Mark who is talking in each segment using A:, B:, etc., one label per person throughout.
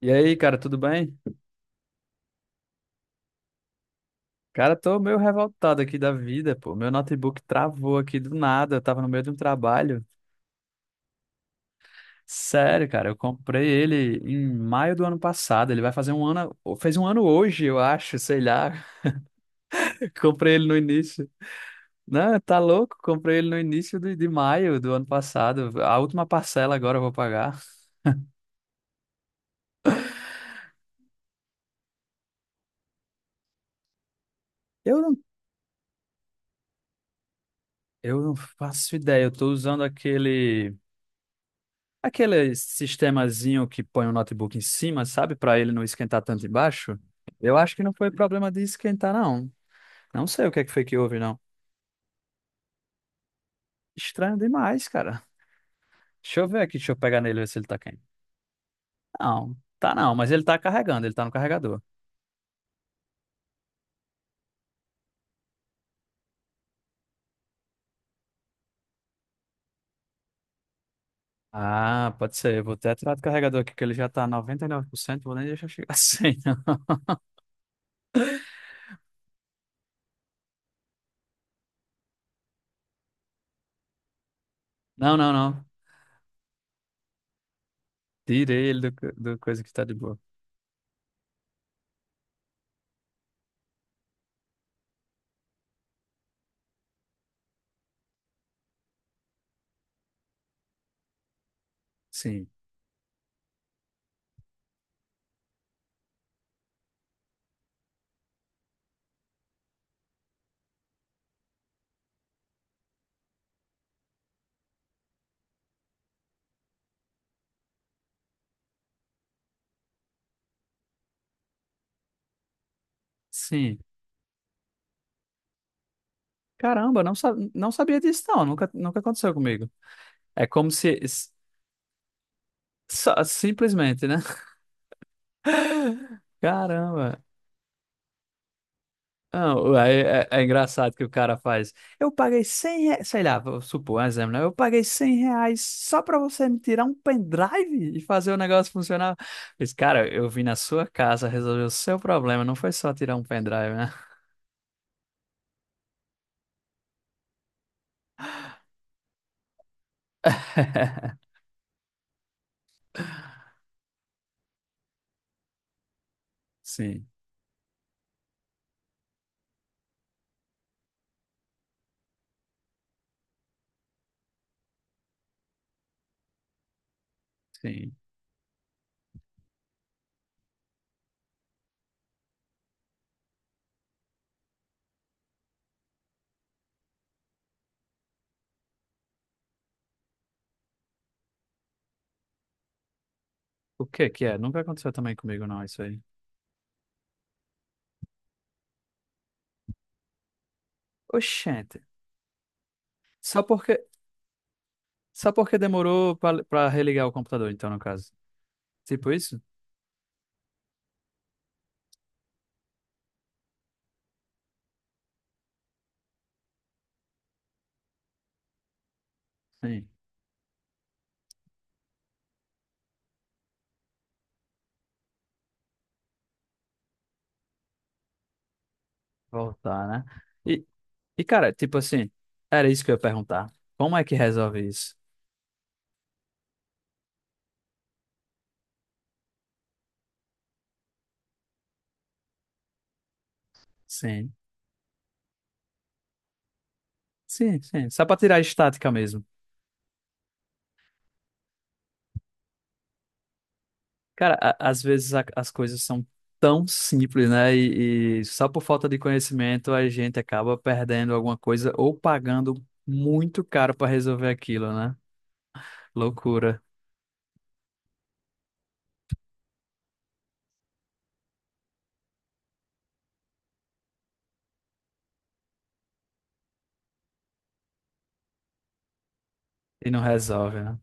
A: E aí, cara, tudo bem? Cara, tô meio revoltado aqui da vida, pô. Meu notebook travou aqui do nada, eu tava no meio de um trabalho. Sério, cara, eu comprei ele em maio do ano passado. Ele vai fazer um ano, fez um ano hoje, eu acho, sei lá. Comprei ele no início. Não, tá louco? Comprei ele no início de maio do ano passado. A última parcela agora eu vou pagar. Eu não, eu não faço ideia. Eu tô usando aquele. Aquele sistemazinho que põe o notebook em cima, sabe? Para ele não esquentar tanto embaixo. Eu acho que não foi problema de esquentar, não. Não sei o que é que foi que houve, não. Estranho demais, cara. Deixa eu ver aqui, deixa eu pegar nele e ver se ele tá quente. Não, tá não, mas ele tá carregando, ele tá no carregador. Ah, pode ser. Eu vou até tirar do carregador aqui, que ele já tá 99%. Vou nem deixar chegar sem, não. Não, não, não. Tirei ele do, do coisa que tá de boa. Sim, sim. Caramba, não, não sabia disso, não. Nunca aconteceu comigo. É como se. Simplesmente, né? Caramba. Não, é engraçado que o cara faz. Eu paguei R$ 100, sei lá, vou supor um exemplo, né? Eu paguei R$ 100 só pra você me tirar um pendrive e fazer o negócio funcionar. Mas, cara, eu vim na sua casa resolver o seu problema, não foi só tirar um pendrive, né? Sim, sim. O que que é? Nunca aconteceu também comigo, não, isso aí. Oxente. Só porque, só porque demorou pra pra religar o computador, então, no caso. Tipo isso? Sim. Voltar, né? E, cara, tipo assim, era isso que eu ia perguntar. Como é que resolve isso? Sim, sim, sim. Só pra tirar a estática mesmo. Cara, às vezes as coisas são tão simples, né? E só por falta de conhecimento a gente acaba perdendo alguma coisa ou pagando muito caro pra resolver aquilo, né? Loucura. E não resolve, né?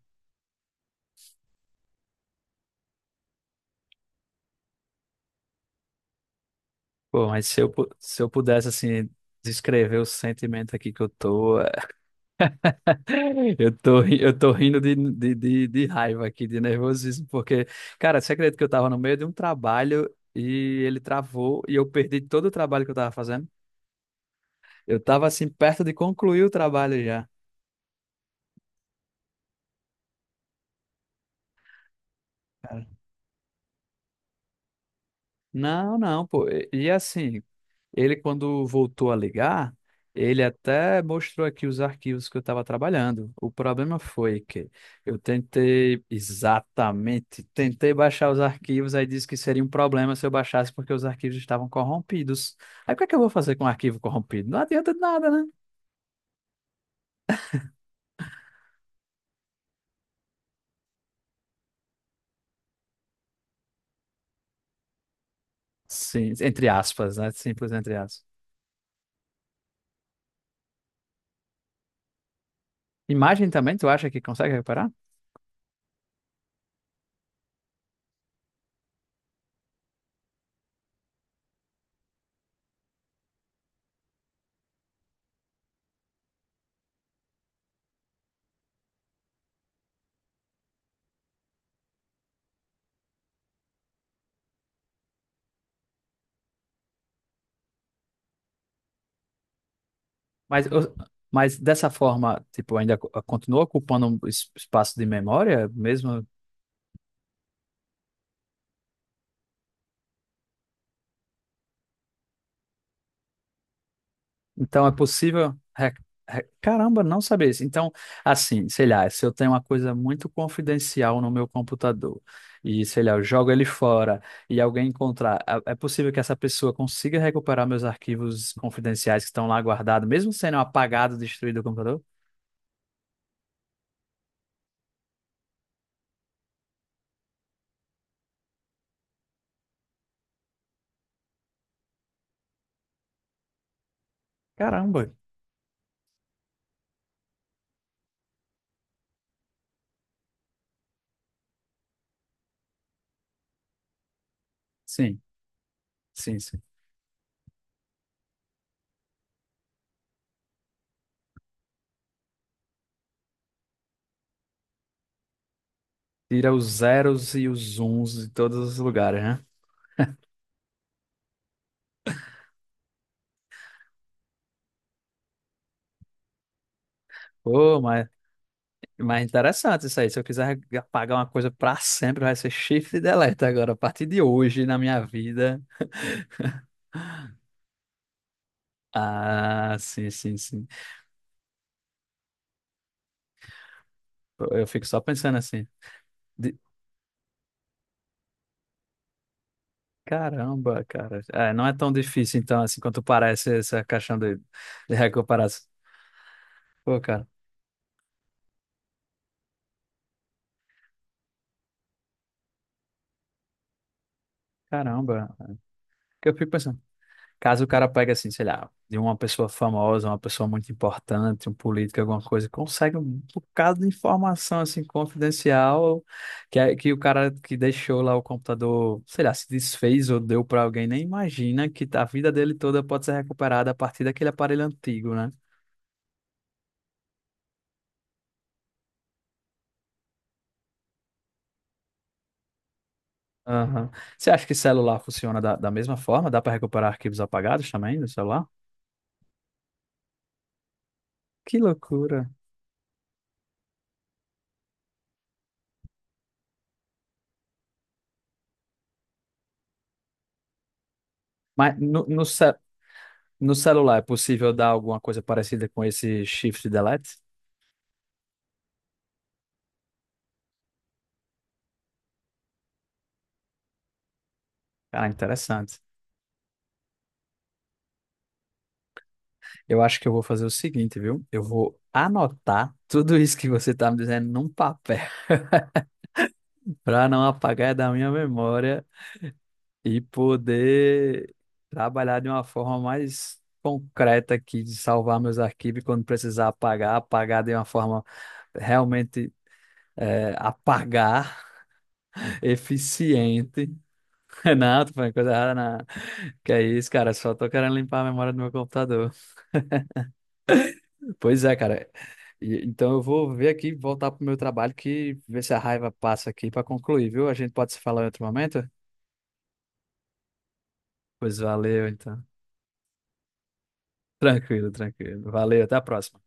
A: Pô, mas se eu, se eu pudesse, assim, descrever o sentimento aqui que eu tô. Eu tô, eu tô rindo de raiva aqui, de nervosismo, porque, cara, você acredita que eu tava no meio de um trabalho e ele travou e eu perdi todo o trabalho que eu tava fazendo? Eu tava, assim, perto de concluir o trabalho já. Cara. Não, não, pô. Ele, quando voltou a ligar, ele até mostrou aqui os arquivos que eu estava trabalhando. O problema foi que eu tentei, exatamente, tentei baixar os arquivos, aí disse que seria um problema se eu baixasse porque os arquivos estavam corrompidos. Aí o que é que eu vou fazer com um arquivo corrompido? Não adianta de nada, né? Sim, entre aspas, né? Simples entre aspas. Imagem também, tu acha que consegue recuperar? Mas, eu- mas dessa forma, tipo, ainda continua ocupando um espaço de memória, mesmo. Então é possível. Caramba, não sabia isso. Então, assim, sei lá, se eu tenho uma coisa muito confidencial no meu computador e, sei lá, eu jogo ele fora e alguém encontrar, é possível que essa pessoa consiga recuperar meus arquivos confidenciais que estão lá guardados, mesmo sendo apagado, destruído o computador? Caramba. Sim, sim, sim. Tira os zeros e os uns de todos os lugares, né? Pô, mas é interessante isso aí. Se eu quiser apagar uma coisa pra sempre, vai ser shift e delete agora. A partir de hoje, na minha vida. Ah, sim, sim, sim. Eu fico só pensando assim. de- Caramba, cara. É, não é tão difícil, então, assim, quanto parece essa questão de recuperação. Pô, cara, caramba. Porque eu fico pensando. Caso o cara pegue assim, sei lá, de uma pessoa famosa, uma pessoa muito importante, um político, alguma coisa, consegue um bocado de informação assim confidencial que, que o cara que deixou lá o computador, sei lá, se desfez ou deu para alguém, nem imagina que a vida dele toda pode ser recuperada a partir daquele aparelho antigo, né? Aham. Você acha que celular funciona da mesma forma? Dá para recuperar arquivos apagados também no celular? Que loucura. Mas no celular é possível dar alguma coisa parecida com esse shift delete? Cara, interessante. Eu acho que eu vou fazer o seguinte, viu? Eu vou anotar tudo isso que você tá me dizendo num papel para não apagar da minha memória e poder trabalhar de uma forma mais concreta aqui de salvar meus arquivos e quando precisar apagar, apagar de uma forma realmente é, apagar, eficiente. Não, tô falando coisa errada, não. Que é isso, cara? Só tô querendo limpar a memória do meu computador. Pois é, cara. Então eu vou ver aqui, voltar pro meu trabalho, que ver se a raiva passa aqui para concluir, viu? A gente pode se falar em outro momento? Pois valeu, então. Tranquilo, tranquilo. Valeu, até a próxima.